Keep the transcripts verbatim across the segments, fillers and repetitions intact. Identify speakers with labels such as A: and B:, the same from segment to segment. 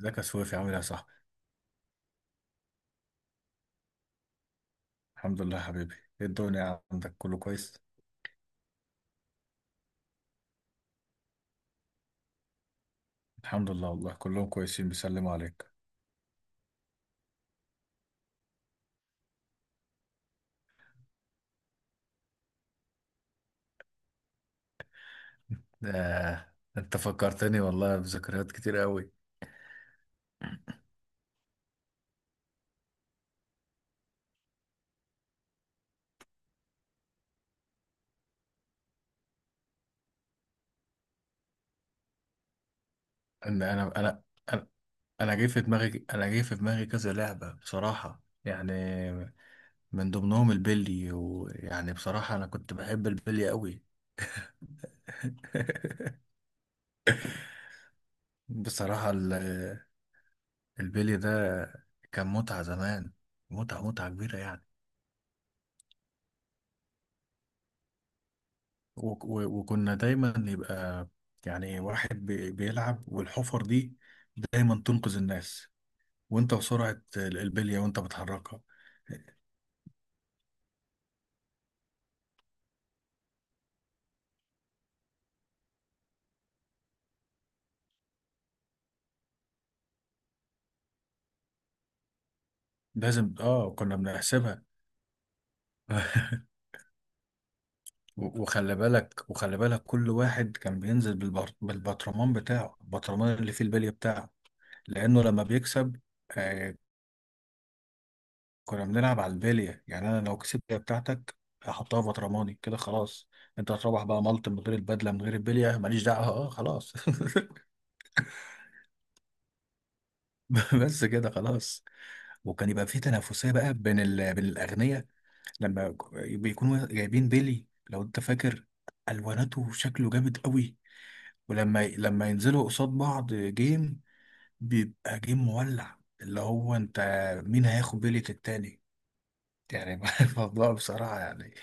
A: ازيك يا سويفي؟ عامل ايه يا صاحبي؟ الحمد لله يا حبيبي. ايه الدنيا عندك؟ كله كويس؟ الحمد لله والله، كلهم كويسين بيسلموا عليك. ده انت فكرتني والله بذكريات كتير قوي. ان انا انا انا انا جاي في دماغي، انا جاي في دماغي كذا لعبة بصراحة يعني. من ضمنهم البلي، ويعني بصراحة انا كنت بحب البلي قوي. بصراحة ال- البلي ده كان متعة زمان. متعة متعة كبيرة يعني. وك- و- وكنا دايما يبقى يعني واحد بي- بيلعب، والحفر دي دايما تنقذ الناس، وانت وسرعة ال- البلية وانت بتحركها. لازم اه، كنا بنحسبها. و- وخلي بالك، وخلي بالك كل واحد كان بينزل بالبر... بالبطرمان بتاعه، البطرمان اللي فيه البلية بتاعه. لأنه لما بيكسب آه، كنا بنلعب على البلية. يعني أنا لو كسبت البلية بتاعتك هحطها في برطماني كده خلاص. انت هتروح بقى ملط من غير البدلة، من غير البلية، ماليش دعوة، اه خلاص. بس كده خلاص. وكان يبقى في تنافسيه بقى بين ال... بين الاغنياء لما بيكونوا جايبين بيلي. لو انت فاكر الواناته شكله جامد قوي. ولما لما ينزلوا قصاد بعض جيم بيبقى جيم مولع، اللي هو انت مين هياخد بيلي التاني يعني. الموضوع بصراحه يعني.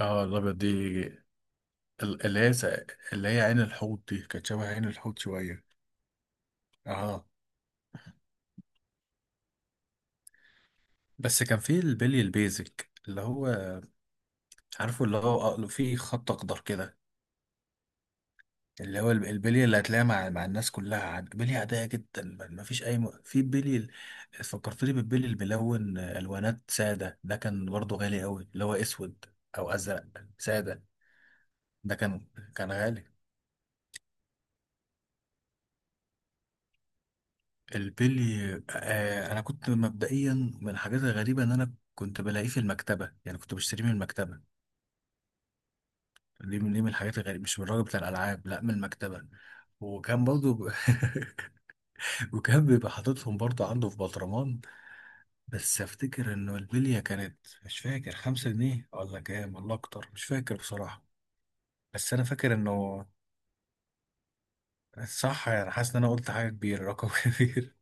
A: اه الابيض دي، ال- اللي هي س- اللي هي عين الحوت دي كانت شبه عين الحوت شويه. اه بس كان في البلي البيزك، اللي هو عارفه، اللي هو في خط اخضر كده. اللي هو البلي اللي هتلاقيها مع مع الناس كلها، عاد بلي عاديه جدا، ما ما فيش اي م... في بلي ال- فكرتني بالبلي الملون، الوانات ساده ده كان برضه غالي قوي، اللي هو اسود او ازرق ساده. ده كان كان غالي. البلي آه، انا كنت مبدئيا من الحاجات الغريبه ان انا كنت بلاقيه في المكتبه، يعني كنت بشتريه من المكتبه. دي من دي من الحاجات الغريبه، مش من الراجل بتاع الالعاب، لا من المكتبه. وكان برضه وكان بيبقى حاططهم برضه عنده في بطرمان. بس افتكر انه البليه كانت، مش فاكر خمسة جنيه ولا كام ولا اكتر، مش فاكر بصراحه. بس انا فاكر انه صح يعني، حاسس ان انا قلت حاجه كبيره، رقم كبير.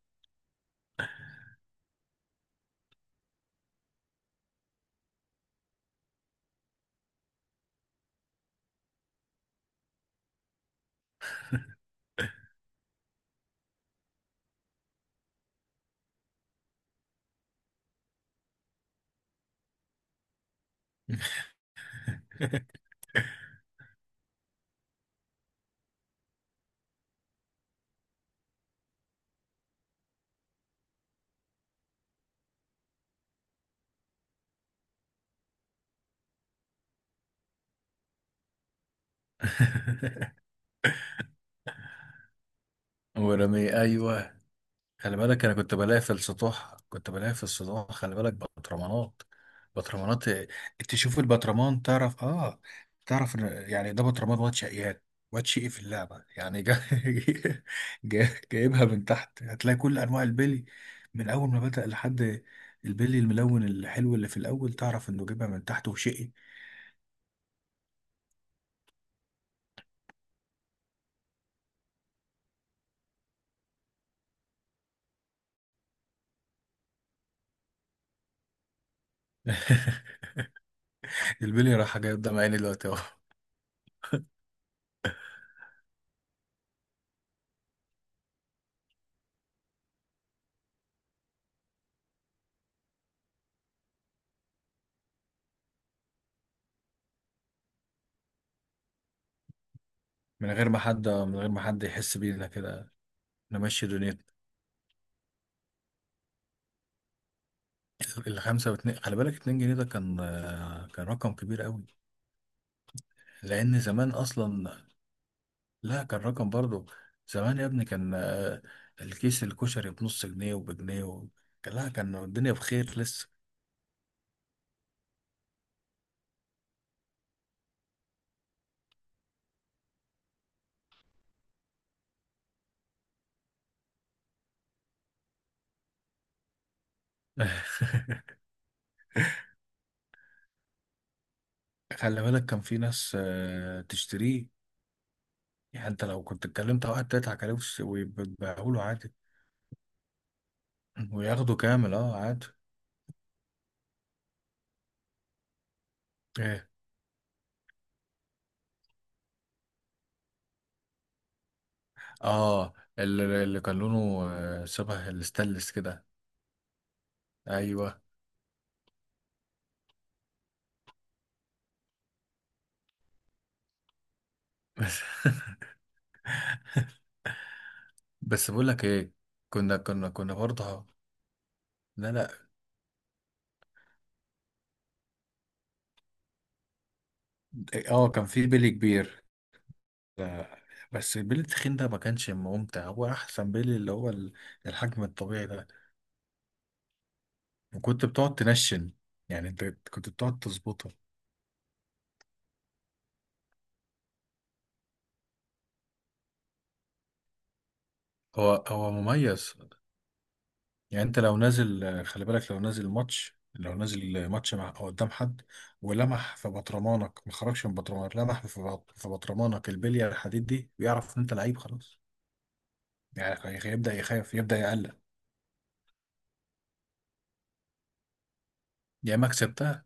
A: ورمي ايوه، خلي بالك انا كنت بلاقي في السطوح، كنت بلاقي في السطوح خلي بالك بطرمانات، بطرمانات إيه، تشوف البطرمان تعرف، اه تعرف إن- يعني ده بطرمان واد شقيان، واد شقي في اللعبه يعني جا... جا... جايبها من تحت هتلاقي كل انواع البلي، من اول ما بدأ لحد البلي الملون الحلو اللي في الاول، تعرف انه جايبها من تحت وشقي. البلي راح جايب قدام عيني دلوقتي اهو. من غير ما حد من غير ما حد يحس بينا كده، نمشي دنيتنا. الخمسة واتنين، خلي بالك اتنين جنيه ده كان آه، كان رقم كبير قوي. لأن زمان أصلا، لا كان رقم برضو. زمان يا ابني كان آه، الكيس الكشري بنص جنيه وبجنيه و... كان- لا كان الدنيا بخير لسه. خلي بالك كان في ناس آه، تشتريه. يعني انت لو كنت اتكلمت مع واحد تضحك عليه ويبيعوا له عادي، وياخده كامل اه عادي. ايه اه، اللي, اللي كان لونه آه، شبه الستانلس كده. ايوه. بس بقول لك ايه، كنا كنا كنا برضه، لا لا، اه كان في بيلي كبير آه، بس البيلي التخين ده ما كانش ممتع، هو احسن بيلي اللي هو ال- الحجم الطبيعي ده. وكنت بتقعد تنشن، يعني انت كنت بتقعد تظبطه. هو هو مميز، يعني انت لو نازل آه، خلي بالك، لو نازل ماتش لو نازل ماتش مع أو قدام حد، ولمح في بطرمانك، ما خرجش من بطرمانك، لمح في بط- في بطرمانك البليه الحديد دي، بيعرف ان انت لعيب خلاص. يعني هيبدأ يخاف، يبدأ يقلق. يا اما كسبتها،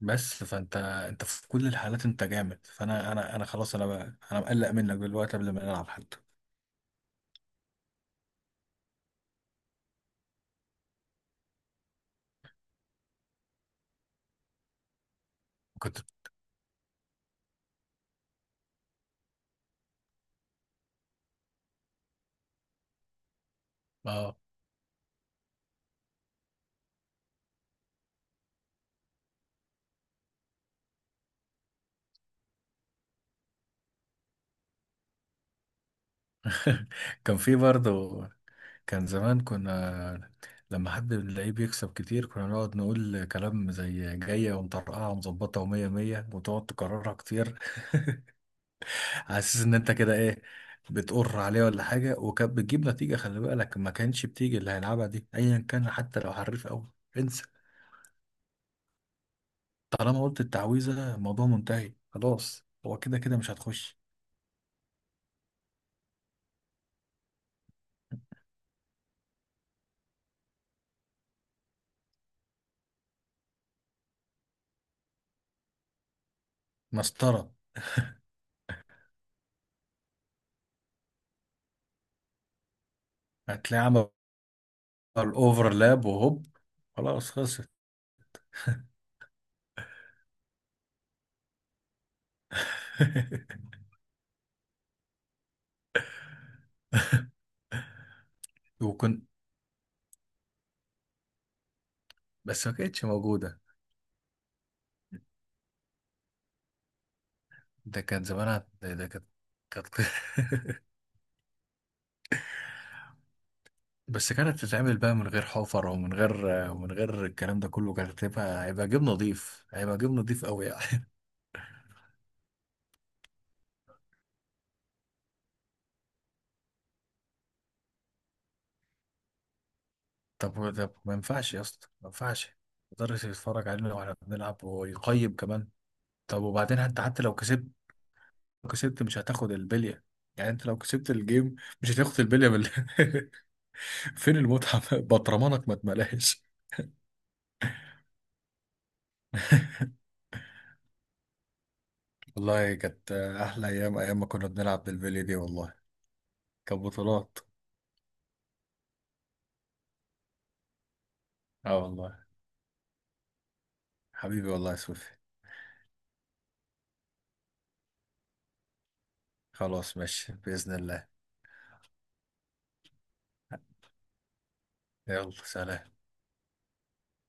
A: بس فانت انت في كل الحالات انت جامد. فانا انا انا خلاص، انا بقى انا مقلق منك دلوقتي قبل ما نلعب حتى. كنت اه. كان في برضه، كان زمان كنا لما حد من اللعيب يكسب كتير كنا نقعد نقول كلام زي جاية ومطرقعة ومظبطة ومية مية، وتقعد تكررها كتير. على اساس ان انت كده ايه، بتقر عليه ولا حاجة. وكانت بتجيب نتيجة، خلي بالك، ما كانش بتيجي اللي هيلعبها دي ايا كان، حتى لو حريف قوي انسى. طالما قلت التعويذة الموضوع منتهي خلاص، هو كده كده مش هتخش. مسطرة، هتلاقي عمل اوفرلاب وهوب خلاص خلصت. وكنت، بس ما كانتش موجودة. ده كان زمانها، ده, ده كانت كانت. بس كانت تتعمل بقى من غير حفر، ومن غير ومن غير الكلام ده كله، كانت هتبقى هيبقى جيب نضيف، هيبقى جيب نضيف قوي يعني. طب طب ما ينفعش يا اسطى، ما ينفعش المدرس يتفرج علينا واحنا بنلعب ويقيم كمان. طب وبعدين انت حتى لو كسبت، كسبت مش هتاخد البليه، يعني انت لو كسبت الجيم مش هتاخد البليه بال... فين المتعه؟ بطرمانك ما تملاش. والله كانت احلى ايام، ايام ما كنا بنلعب بالبليه دي والله، كانت بطولات. اه والله حبيبي والله يا سوفي. خلاص ماشي باذن الله. يلا سلام.